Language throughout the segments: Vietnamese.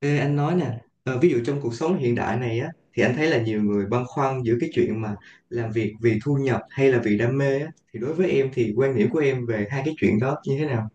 Ê, anh nói nè, ví dụ trong cuộc sống hiện đại này á, thì anh thấy là nhiều người băn khoăn giữa cái chuyện mà làm việc vì thu nhập hay là vì đam mê á, thì đối với em thì quan điểm của em về hai cái chuyện đó như thế nào?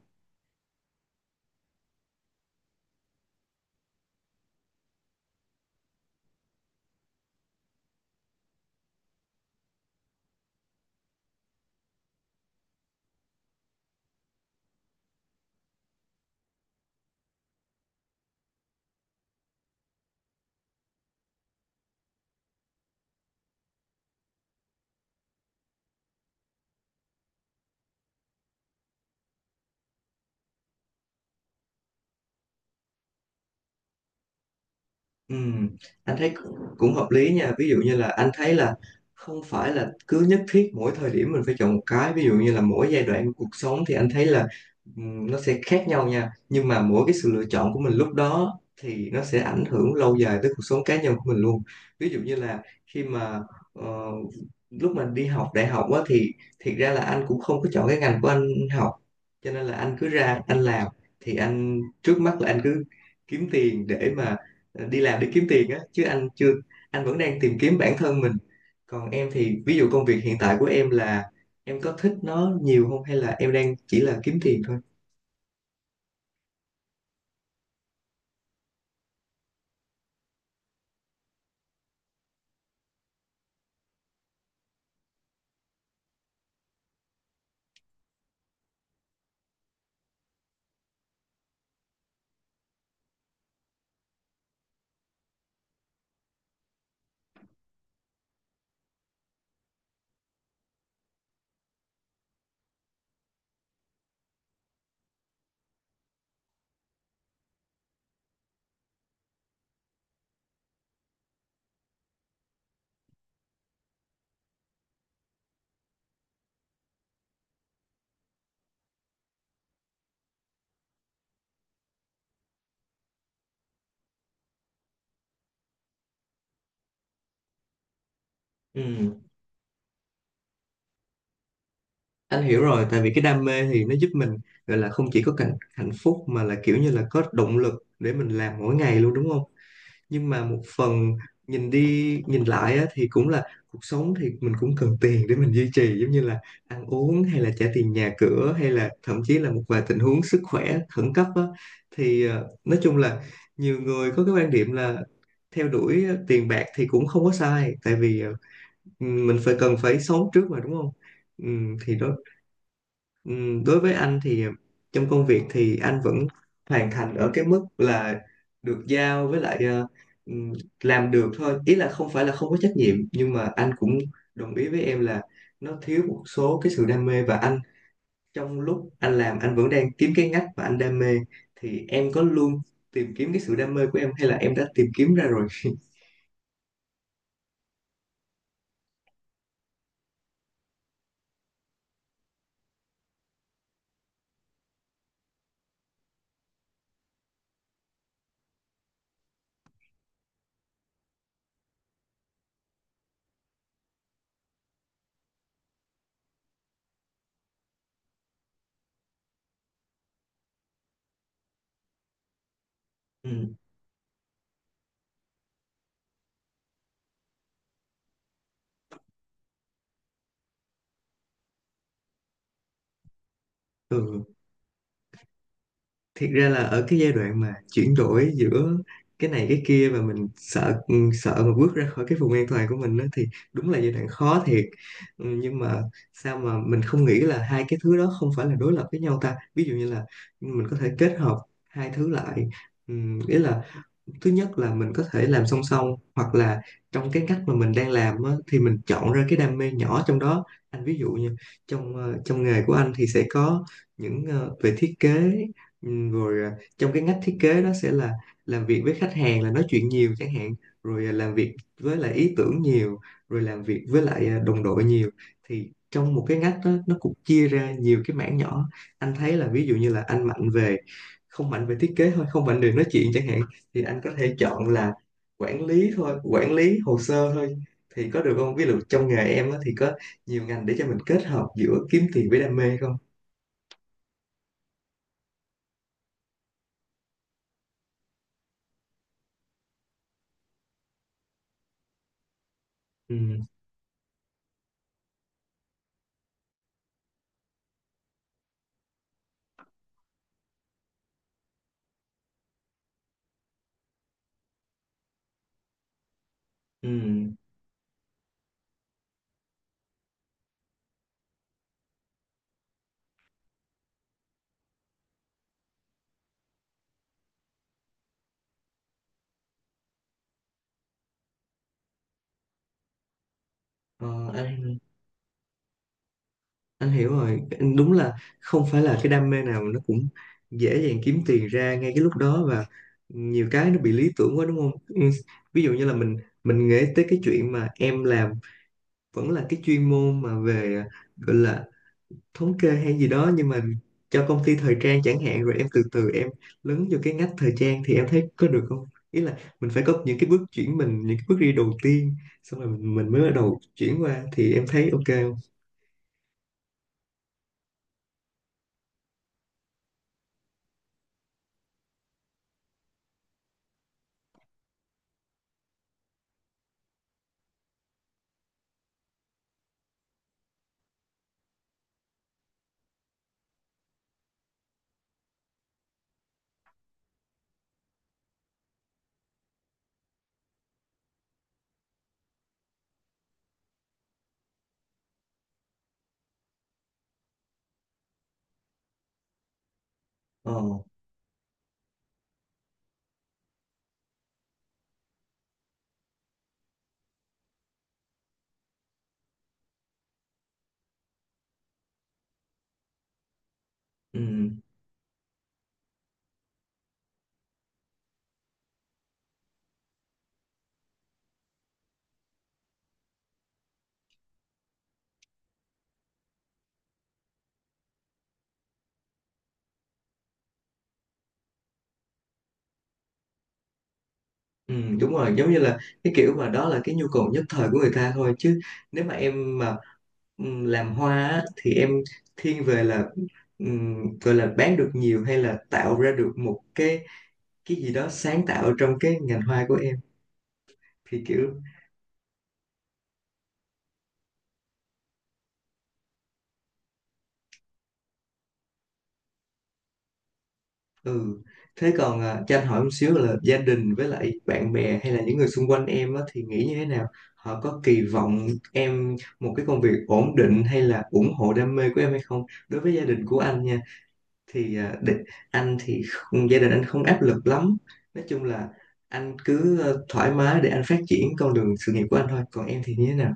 Ừ, anh thấy cũng cũng hợp lý nha. Ví dụ như là anh thấy là không phải là cứ nhất thiết mỗi thời điểm mình phải chọn một cái. Ví dụ như là mỗi giai đoạn của cuộc sống thì anh thấy là nó sẽ khác nhau nha, nhưng mà mỗi cái sự lựa chọn của mình lúc đó thì nó sẽ ảnh hưởng lâu dài tới cuộc sống cá nhân của mình luôn. Ví dụ như là khi mà ờ, lúc mà đi học đại học á thì thiệt ra là anh cũng không có chọn cái ngành của anh học, cho nên là anh cứ ra anh làm. Thì anh trước mắt là anh cứ kiếm tiền để mà, ờ, đi làm để kiếm tiền á, chứ anh chưa, anh vẫn đang tìm kiếm bản thân mình. Còn em thì ví dụ công việc hiện tại của em là em có thích nó nhiều không hay là em đang chỉ là kiếm tiền thôi? Ừ, anh hiểu rồi, tại vì cái đam mê thì nó giúp mình, gọi là không chỉ có cảnh hạnh phúc mà là kiểu như là có động lực để mình làm mỗi ngày luôn, đúng không? Nhưng mà một phần, nhìn đi nhìn lại á, thì cũng là cuộc sống thì mình cũng cần tiền để mình duy trì, giống như là ăn uống hay là trả tiền nhà cửa hay là thậm chí là một vài tình huống sức khỏe khẩn cấp á, thì nói chung là nhiều người có cái quan điểm là theo đuổi tiền bạc thì cũng không có sai, tại vì mình phải cần phải sống trước mà, đúng không? Ừ, thì đó. Đối với anh thì trong công việc thì anh vẫn hoàn thành ở cái mức là được giao, với lại ừm, làm được thôi, ý là không phải là không có trách nhiệm, nhưng mà anh cũng đồng ý với em là nó thiếu một số cái sự đam mê, và anh trong lúc anh làm anh vẫn đang kiếm cái ngách mà anh đam mê. Thì em có luôn tìm kiếm cái sự đam mê của em hay là em đã tìm kiếm ra rồi? Ừ. Thiệt ra là ở cái giai đoạn mà chuyển đổi giữa cái này cái kia và mình sợ, ừ, sợ mà bước ra khỏi cái vùng an toàn của mình đó, thì đúng là giai đoạn khó thiệt. Ừ, nhưng mà sao mà mình không nghĩ là hai cái thứ đó không phải là đối lập với nhau ta? Ví dụ như là mình có thể kết hợp hai thứ lại. Ừ, ý là thứ nhất là mình có thể làm song song, hoặc là trong cái cách mà mình đang làm á, thì mình chọn ra cái đam mê nhỏ trong đó. Anh ví dụ như trong, trong nghề của anh thì sẽ có những, về thiết kế, rồi trong cái ngách thiết kế đó sẽ là làm việc với khách hàng là nói chuyện nhiều chẳng hạn, rồi làm việc với lại ý tưởng nhiều, rồi làm việc với lại đồng đội nhiều. Thì trong một cái ngách đó, nó cũng chia ra nhiều cái mảng nhỏ. Anh thấy là ví dụ như là anh mạnh về, không mạnh về thiết kế thôi, không mạnh về nói chuyện chẳng hạn, thì anh có thể chọn là quản lý thôi, quản lý hồ sơ thôi, thì có được không? Ví dụ trong nghề em á, thì có nhiều ngành để cho mình kết hợp giữa kiếm tiền với đam mê không? Ừ. Ừ. ờ, anh anh hiểu rồi. Anh đúng là không phải là cái đam mê nào nó cũng dễ dàng kiếm tiền ra ngay cái lúc đó, và nhiều cái nó bị lý tưởng quá, đúng không? Ừ, ví dụ như là mình nghĩ tới cái chuyện mà em làm vẫn là cái chuyên môn mà về, gọi là thống kê hay gì đó, nhưng mà cho công ty thời trang chẳng hạn, rồi em từ từ em lấn vô cái ngách thời trang thì em thấy có được không? Ý là mình phải có những cái bước chuyển mình, những cái bước đi đầu tiên, xong rồi mình mới bắt đầu chuyển qua, thì em thấy ok không? Ờ, ừ, ừ, đúng rồi, giống như là cái kiểu mà đó là cái nhu cầu nhất thời của người ta thôi, chứ nếu mà em mà làm hoa á, thì em thiên về là, gọi là bán được nhiều hay là tạo ra được một cái gì đó sáng tạo trong cái ngành hoa của em, thì kiểu, ừ. Thế còn à, cho anh hỏi một xíu là gia đình với lại bạn bè hay là những người xung quanh em á, thì nghĩ như thế nào? Họ có kỳ vọng em một cái công việc ổn định hay là ủng hộ đam mê của em hay không? Đối với gia đình của anh nha, thì à, để, anh thì không, gia đình anh không áp lực lắm. Nói chung là anh cứ thoải mái để anh phát triển con đường sự nghiệp của anh thôi. Còn em thì như thế nào?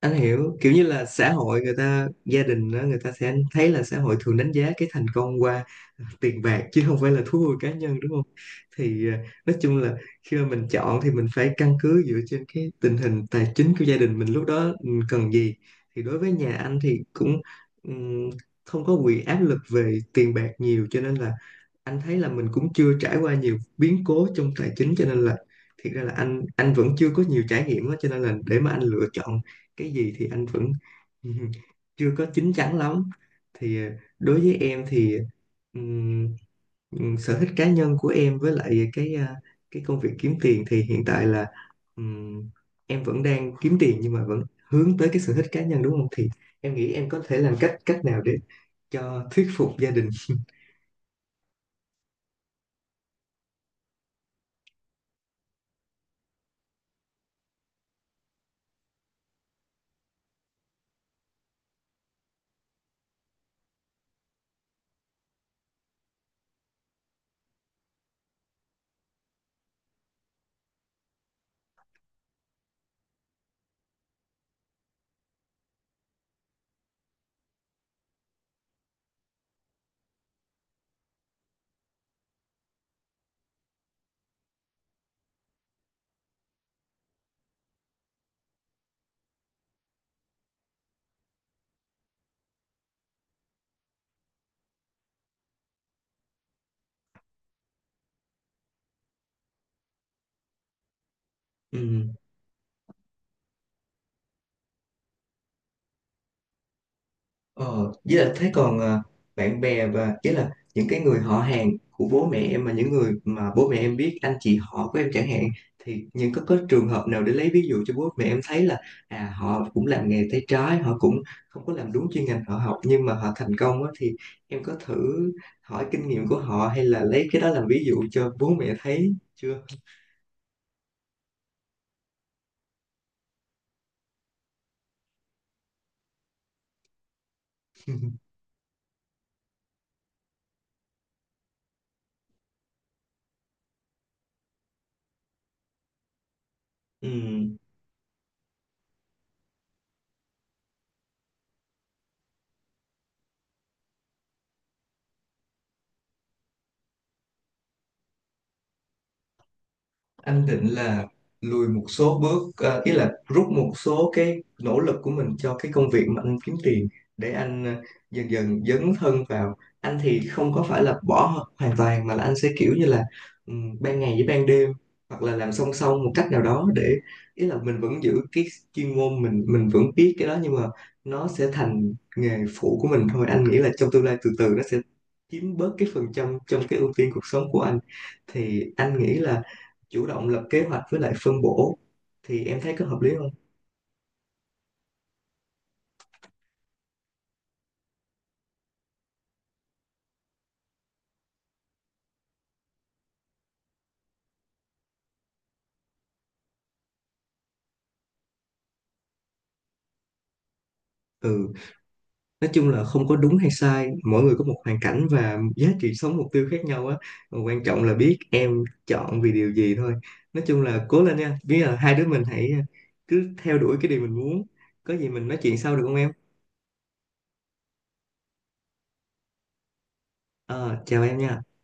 Anh hiểu, kiểu như là xã hội người ta, gia đình đó, người ta sẽ thấy là xã hội thường đánh giá cái thành công qua tiền bạc chứ không phải là thú vui cá nhân, đúng không? Thì à, nói chung là khi mà mình chọn thì mình phải căn cứ dựa trên cái tình hình tài chính của gia đình mình lúc đó mình cần gì. Thì đối với nhà anh thì cũng ừm, không có bị áp lực về tiền bạc nhiều, cho nên là anh thấy là mình cũng chưa trải qua nhiều biến cố trong tài chính, cho nên là thiệt ra là anh vẫn chưa có nhiều trải nghiệm đó, cho nên là để mà anh lựa chọn cái gì thì anh vẫn chưa có chín chắn lắm. Thì đối với em thì ừm, sở thích cá nhân của em với lại cái cái công việc kiếm tiền thì hiện tại là, ừm, em vẫn đang kiếm tiền nhưng mà vẫn hướng tới cái sở thích cá nhân, đúng không? Thì em nghĩ em có thể làm cách cách nào để cho thuyết phục gia đình? Ờ, với là thế còn à, bạn bè và ý là những cái người họ hàng của bố mẹ em mà những người mà bố mẹ em biết, anh chị họ của em chẳng hạn, thì những, có trường hợp nào để lấy ví dụ cho bố mẹ em thấy là, à, họ cũng làm nghề tay trái, họ cũng không có làm đúng chuyên ngành họ học nhưng mà họ thành công á, thì em có thử hỏi kinh nghiệm của họ hay là lấy cái đó làm ví dụ cho bố mẹ thấy chưa? Ừ. Anh định là lùi một số bước, ý là rút một số cái nỗ lực của mình cho cái công việc mà anh kiếm tiền để anh dần dần dấn thân vào. Anh thì không có phải là bỏ hoàn toàn, mà là anh sẽ kiểu như là, ban ngày với ban đêm, hoặc là làm song song một cách nào đó để, ý là mình vẫn giữ cái chuyên môn mình vẫn biết cái đó nhưng mà nó sẽ thành nghề phụ của mình thôi. Anh nghĩ là trong tương lai từ từ nó sẽ chiếm bớt cái phần trăm trong cái ưu tiên cuộc sống của anh. Thì anh nghĩ là chủ động lập kế hoạch với lại phân bổ, thì em thấy có hợp lý không? Ừ, nói chung là không có đúng hay sai, mỗi người có một hoàn cảnh và giá trị sống mục tiêu khác nhau á. Mà quan trọng là biết em chọn vì điều gì thôi. Nói chung là cố lên nha, biết là hai đứa mình hãy à, cứ theo đuổi cái điều mình muốn. Có gì mình nói chuyện sau được không em? Ờ, chào em nha.